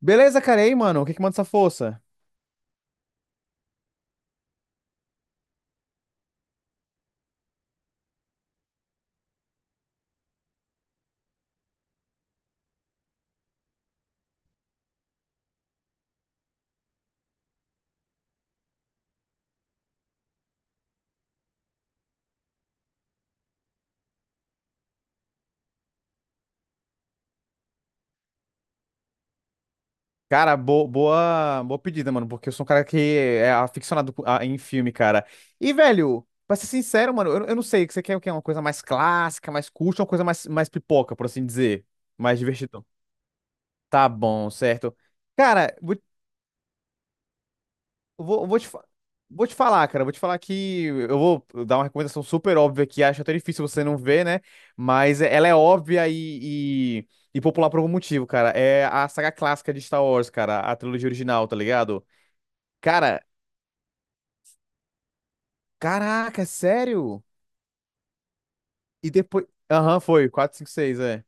Beleza, cara, e aí, mano? O que que manda essa força? Cara, boa pedida, mano, porque eu sou um cara que é aficionado em filme, cara. E, velho, pra ser sincero, mano, eu não sei, você quer o quê? Uma coisa mais clássica, mais curta, ou uma coisa mais pipoca, por assim dizer? Mais divertidão. Tá bom, certo. Cara, vou Eu Vou, eu vou te, fa- vou te falar, cara. Vou te falar que eu vou dar uma recomendação super óbvia que acho até difícil você não ver, né? Mas é, ela é óbvia e popular por algum motivo, cara. É a saga clássica de Star Wars, cara. A trilogia original, tá ligado? Cara, caraca, é sério? E depois. Aham, foi. Quatro, cinco, seis, é.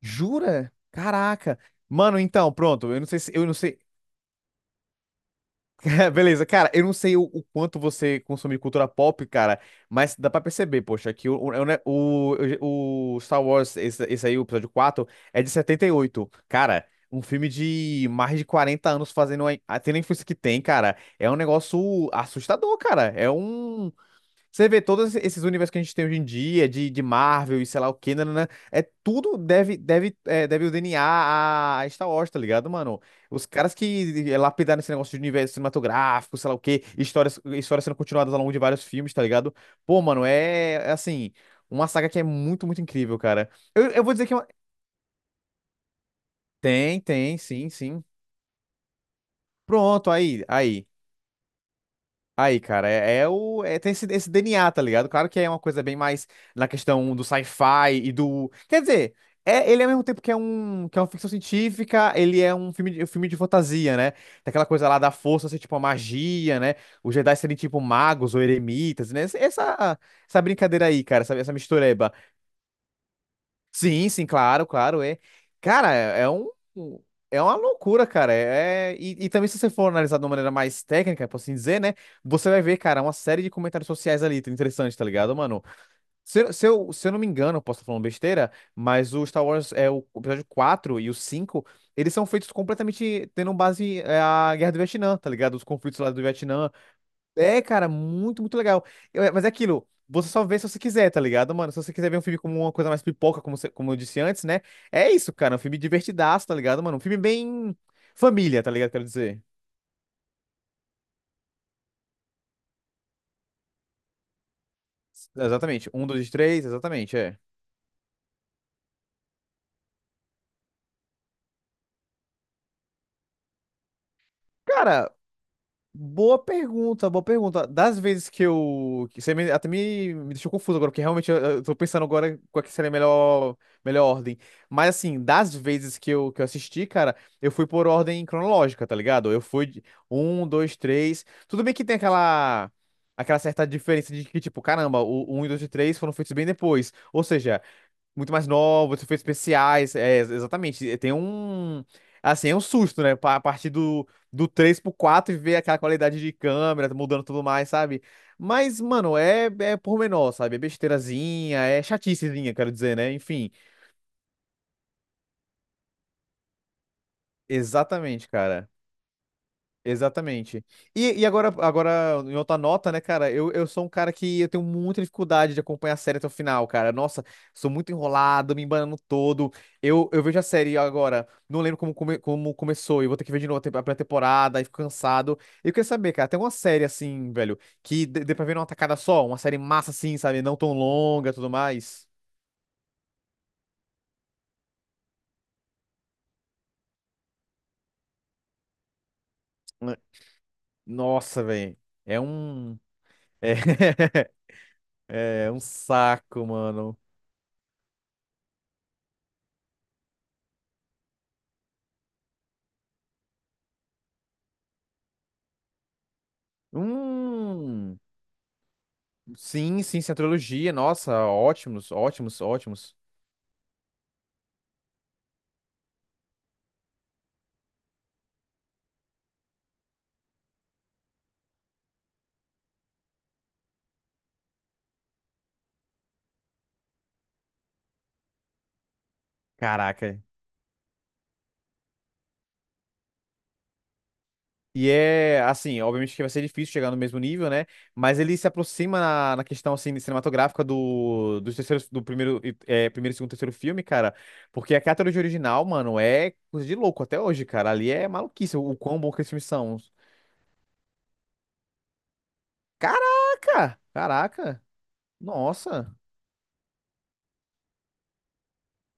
Jura? Caraca. Mano, então, pronto. Eu não sei se. Eu não sei. Beleza, cara, eu não sei o quanto você consome cultura pop, cara, mas dá pra perceber, poxa, que o Star Wars, esse aí, o episódio 4, é de 78. Cara, um filme de mais de 40 anos fazendo tendo a influência que tem, cara, é um negócio assustador, cara. Você vê todos esses universos que a gente tem hoje em dia, de Marvel e sei lá o que, né, é tudo deve o DNA a Star Wars, tá ligado, mano? Os caras que lapidaram esse negócio de universo cinematográfico, sei lá o que, histórias sendo continuadas ao longo de vários filmes, tá ligado? Pô, mano, é assim, uma saga que é muito, muito incrível, cara. Eu vou dizer que é uma... Tem, sim, sim. Pronto, aí, aí. Aí, cara, é, é o. é- tem esse DNA, tá ligado? Claro que é uma coisa bem mais na questão do sci-fi e do. Quer dizer, é, ele ao mesmo tempo que é uma ficção científica, ele é um filme de fantasia, né? Tem aquela coisa lá da força ser tipo a magia, né? Os Jedi serem tipo magos ou eremitas, né? Essa brincadeira aí, cara, essa mistureba. Sim, sim, claro, claro, é. Cara, é uma loucura, cara. É, e também se você for analisar de uma maneira mais técnica, por assim dizer, né? Você vai ver, cara, uma série de comentários sociais ali, interessante, tá ligado, mano? Se eu não me engano, eu posso estar falando besteira, mas o Star Wars, o episódio 4 e o 5 eles são feitos completamente tendo base a Guerra do Vietnã, tá ligado? Os conflitos lá do Vietnã, cara, muito, muito legal. Mas é aquilo, você só vê se você quiser, tá ligado, mano? Se você quiser ver um filme como uma coisa mais pipoca, como eu disse antes, né? É isso, cara, um filme divertidaço, tá ligado, mano? Um filme bem família, tá ligado, quero dizer. Exatamente, um, dois, três, exatamente, é. Cara, boa pergunta, boa pergunta. Das vezes que eu. Que Você me- até me, me deixou confuso agora, porque realmente eu tô pensando agora qual que seria a melhor, melhor ordem. Mas assim, das vezes que eu assisti, cara, eu fui por ordem cronológica, tá ligado? Eu fui de um, dois, três. Tudo bem que tem aquela certa diferença de que, tipo, caramba, o um e 2 e 3 foram feitos bem depois. Ou seja, muito mais novos, efeitos especiais, exatamente. E tem um, assim, é um susto, né? A partir do 3 pro 4 e ver aquela qualidade de câmera mudando tudo mais, sabe? Mas, mano, é pormenor, sabe? É besteirazinha, é chaticezinha, quero dizer, né? Enfim, exatamente, cara. Exatamente. E agora, em outra nota, né, cara? Eu sou um cara que eu tenho muita dificuldade de acompanhar a série até o final, cara. Nossa, sou muito enrolado, me embanando todo. Eu vejo a série agora, não lembro como começou, eu vou ter que ver de novo a pré-temporada, aí fico cansado. Eu queria saber, cara, tem uma série assim, velho, que dê pra ver numa tacada só? Uma série massa assim, sabe? Não tão longa e tudo mais. Nossa, velho. É um. É um saco, mano. Hum. Sim, sim, Centrologia, nossa, ótimos, ótimos, ótimos. Caraca. E é, assim, obviamente que vai ser difícil chegar no mesmo nível, né? Mas ele se aproxima na questão, assim, cinematográfica do primeiro, segundo, terceiro filme, cara. Porque a trilogia original, mano, é coisa de louco até hoje, cara. Ali é maluquice o quão bom que esses filmes são. Caraca! Caraca! Nossa!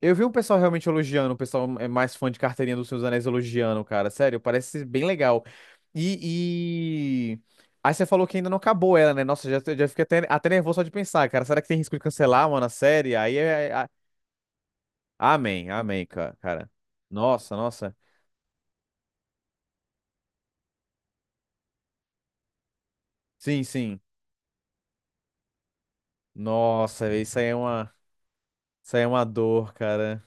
Eu vi um pessoal realmente elogiando, o pessoal é mais fã de carteirinha dos Seus Anéis elogiando, cara. Sério, parece bem legal. E, e... Aí você falou que ainda não acabou ela, né? Nossa, já fiquei até nervoso só de pensar, cara. Será que tem risco de cancelar, mano, a série? Aí Amém, amém, cara. Nossa, nossa. Sim, sim. Nossa, isso aí é uma... Isso aí é uma dor, cara.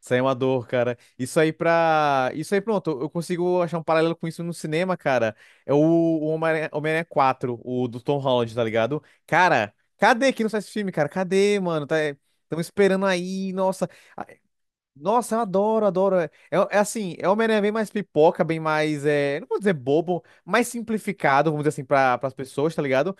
Isso aí é uma dor, cara. Isso aí pra. Isso aí, pronto. Eu consigo achar um paralelo com isso no cinema, cara. É o Homem-Aranha 4, o do Tom Holland, tá ligado? Cara, cadê que não sai esse filme, cara? Cadê, mano? Tá... Estão esperando aí, nossa. Ah, nossa, eu adoro, adoro. É assim, é o Homem-Aranha bem mais pipoca, bem mais. Não vou dizer bobo, mais simplificado, vamos dizer assim, para as pessoas, tá ligado?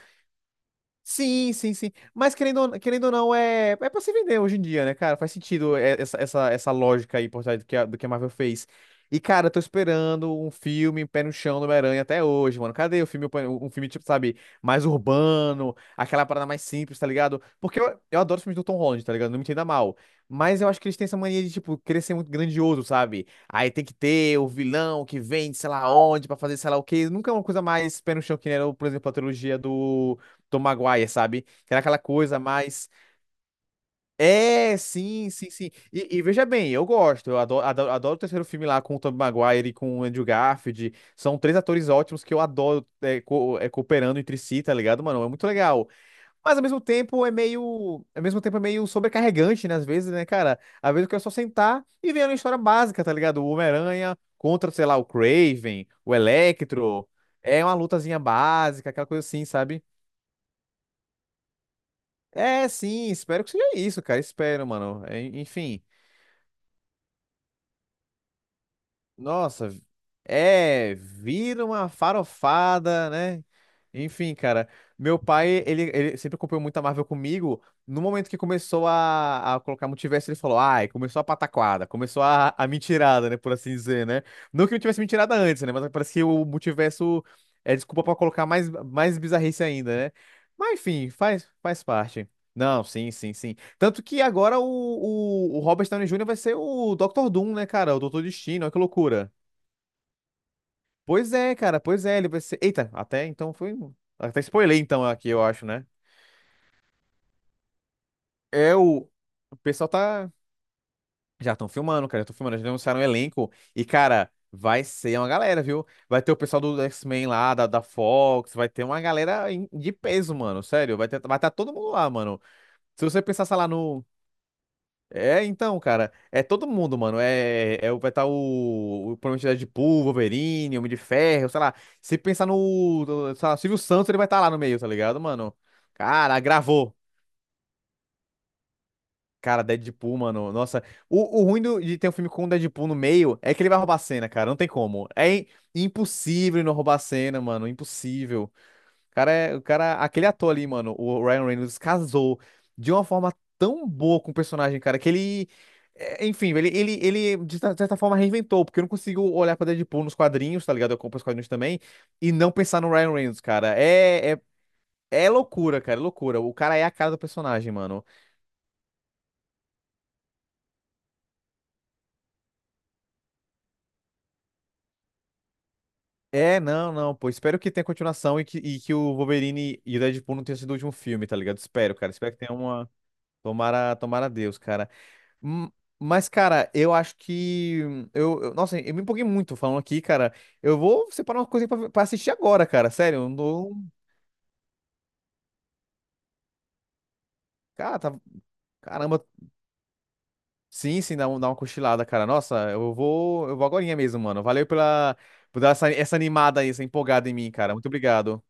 Sim, sim, sim. Mas querendo ou não, é pra se vender hoje em dia, né, cara? Faz sentido essa lógica aí por trás do que a Marvel fez. E, cara, eu tô esperando um filme Pé no Chão do Homem-Aranha até hoje, mano. Cadê um filme, tipo, sabe, mais urbano, aquela parada mais simples, tá ligado? Porque eu adoro os filmes do Tom Holland, tá ligado? Não me entenda mal. Mas eu acho que eles têm essa mania de, tipo, querer ser muito grandioso, sabe? Aí tem que ter o vilão que vem de sei lá onde pra fazer sei lá o quê. Nunca é uma coisa mais pé no chão que nem era, por exemplo, a trilogia do Tom Maguire, sabe? Que era aquela coisa mais. É, sim, sim, sim. E veja bem, eu gosto. Eu adoro, adoro, adoro o terceiro filme lá com o Tom Maguire e com o Andrew Garfield. São três atores ótimos que eu adoro cooperando entre si, tá ligado, mano? É muito legal. Ao mesmo tempo é meio sobrecarregante, né? Às vezes, né, cara? Às vezes eu quero só sentar e ver uma história básica, tá ligado? O Homem-Aranha contra, sei lá, o Craven, o Electro. É uma lutazinha básica, aquela coisa assim, sabe? É, sim, espero que seja isso, cara. Espero, mano. Enfim, nossa, vira uma farofada, né? Enfim, cara, meu pai, ele sempre acompanhou muita Marvel comigo. No momento que começou a colocar multiverso, ele falou, ai, começou a pataquada, começou a mentirada, né, por assim dizer, né? Não que não tivesse mentirada antes, né? Mas parece que o multiverso é desculpa pra colocar mais, mais bizarrice ainda, né? Mas enfim, faz parte. Não, sim, sim, sim. Tanto que agora o Robert Downey Jr. vai ser o Dr. Doom, né, cara? O Doutor Destino, olha que loucura. Pois é, cara, pois é, ele vai ser. Eita, até então foi um. Até spoiler então aqui, eu acho, né? É o. O pessoal tá. Já estão filmando, cara, já estão filmando, já anunciaram o elenco. E, cara, vai ser uma galera, viu? Vai ter o pessoal do X-Men lá, da Fox, vai ter uma galera de peso, mano, sério. Vai estar todo mundo lá, mano. Se você pensar, sei lá, no. É, então, cara, é todo mundo, mano. Vai estar o, provavelmente é Deadpool, Wolverine, Homem de Ferro, sei lá. Se pensar no sei lá, Silvio Santos, ele vai estar lá no meio, tá ligado, mano? Cara, gravou. Cara, Deadpool, mano. Nossa, o ruim de ter um filme com o Deadpool no meio é que ele vai roubar a cena, cara. Não tem como. Impossível ele não roubar a cena, mano. Impossível. O cara, aquele ator ali, mano, o Ryan Reynolds casou de uma forma tão boa com o personagem, cara, que ele, é, enfim, ele de certa forma reinventou, porque eu não consigo olhar pra Deadpool nos quadrinhos, tá ligado? Eu compro os quadrinhos também e não pensar no Ryan Reynolds, cara. É loucura, cara, é loucura. O cara é a cara do personagem, mano. É, não, não, pô. Espero que tenha continuação e que o Wolverine e o Deadpool não tenham sido o último filme, tá ligado? Espero, cara. Espero que tenha uma. Tomara, tomara a Deus, cara. Hum, Mas, cara, eu acho que. Nossa, eu me empolguei muito falando aqui, cara. Eu vou separar uma coisa pra assistir agora, cara. Sério, eu não. Cara, tá- Caramba. Sim, sim, dá uma cochilada, cara. Nossa, Eu vou. Agorinha mesmo, mano. Valeu por dar essa, essa animada aí, essa empolgada em mim, cara. Muito obrigado.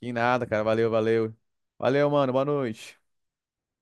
Que nada, cara. Valeu, valeu. Valeu, mano. Boa noite.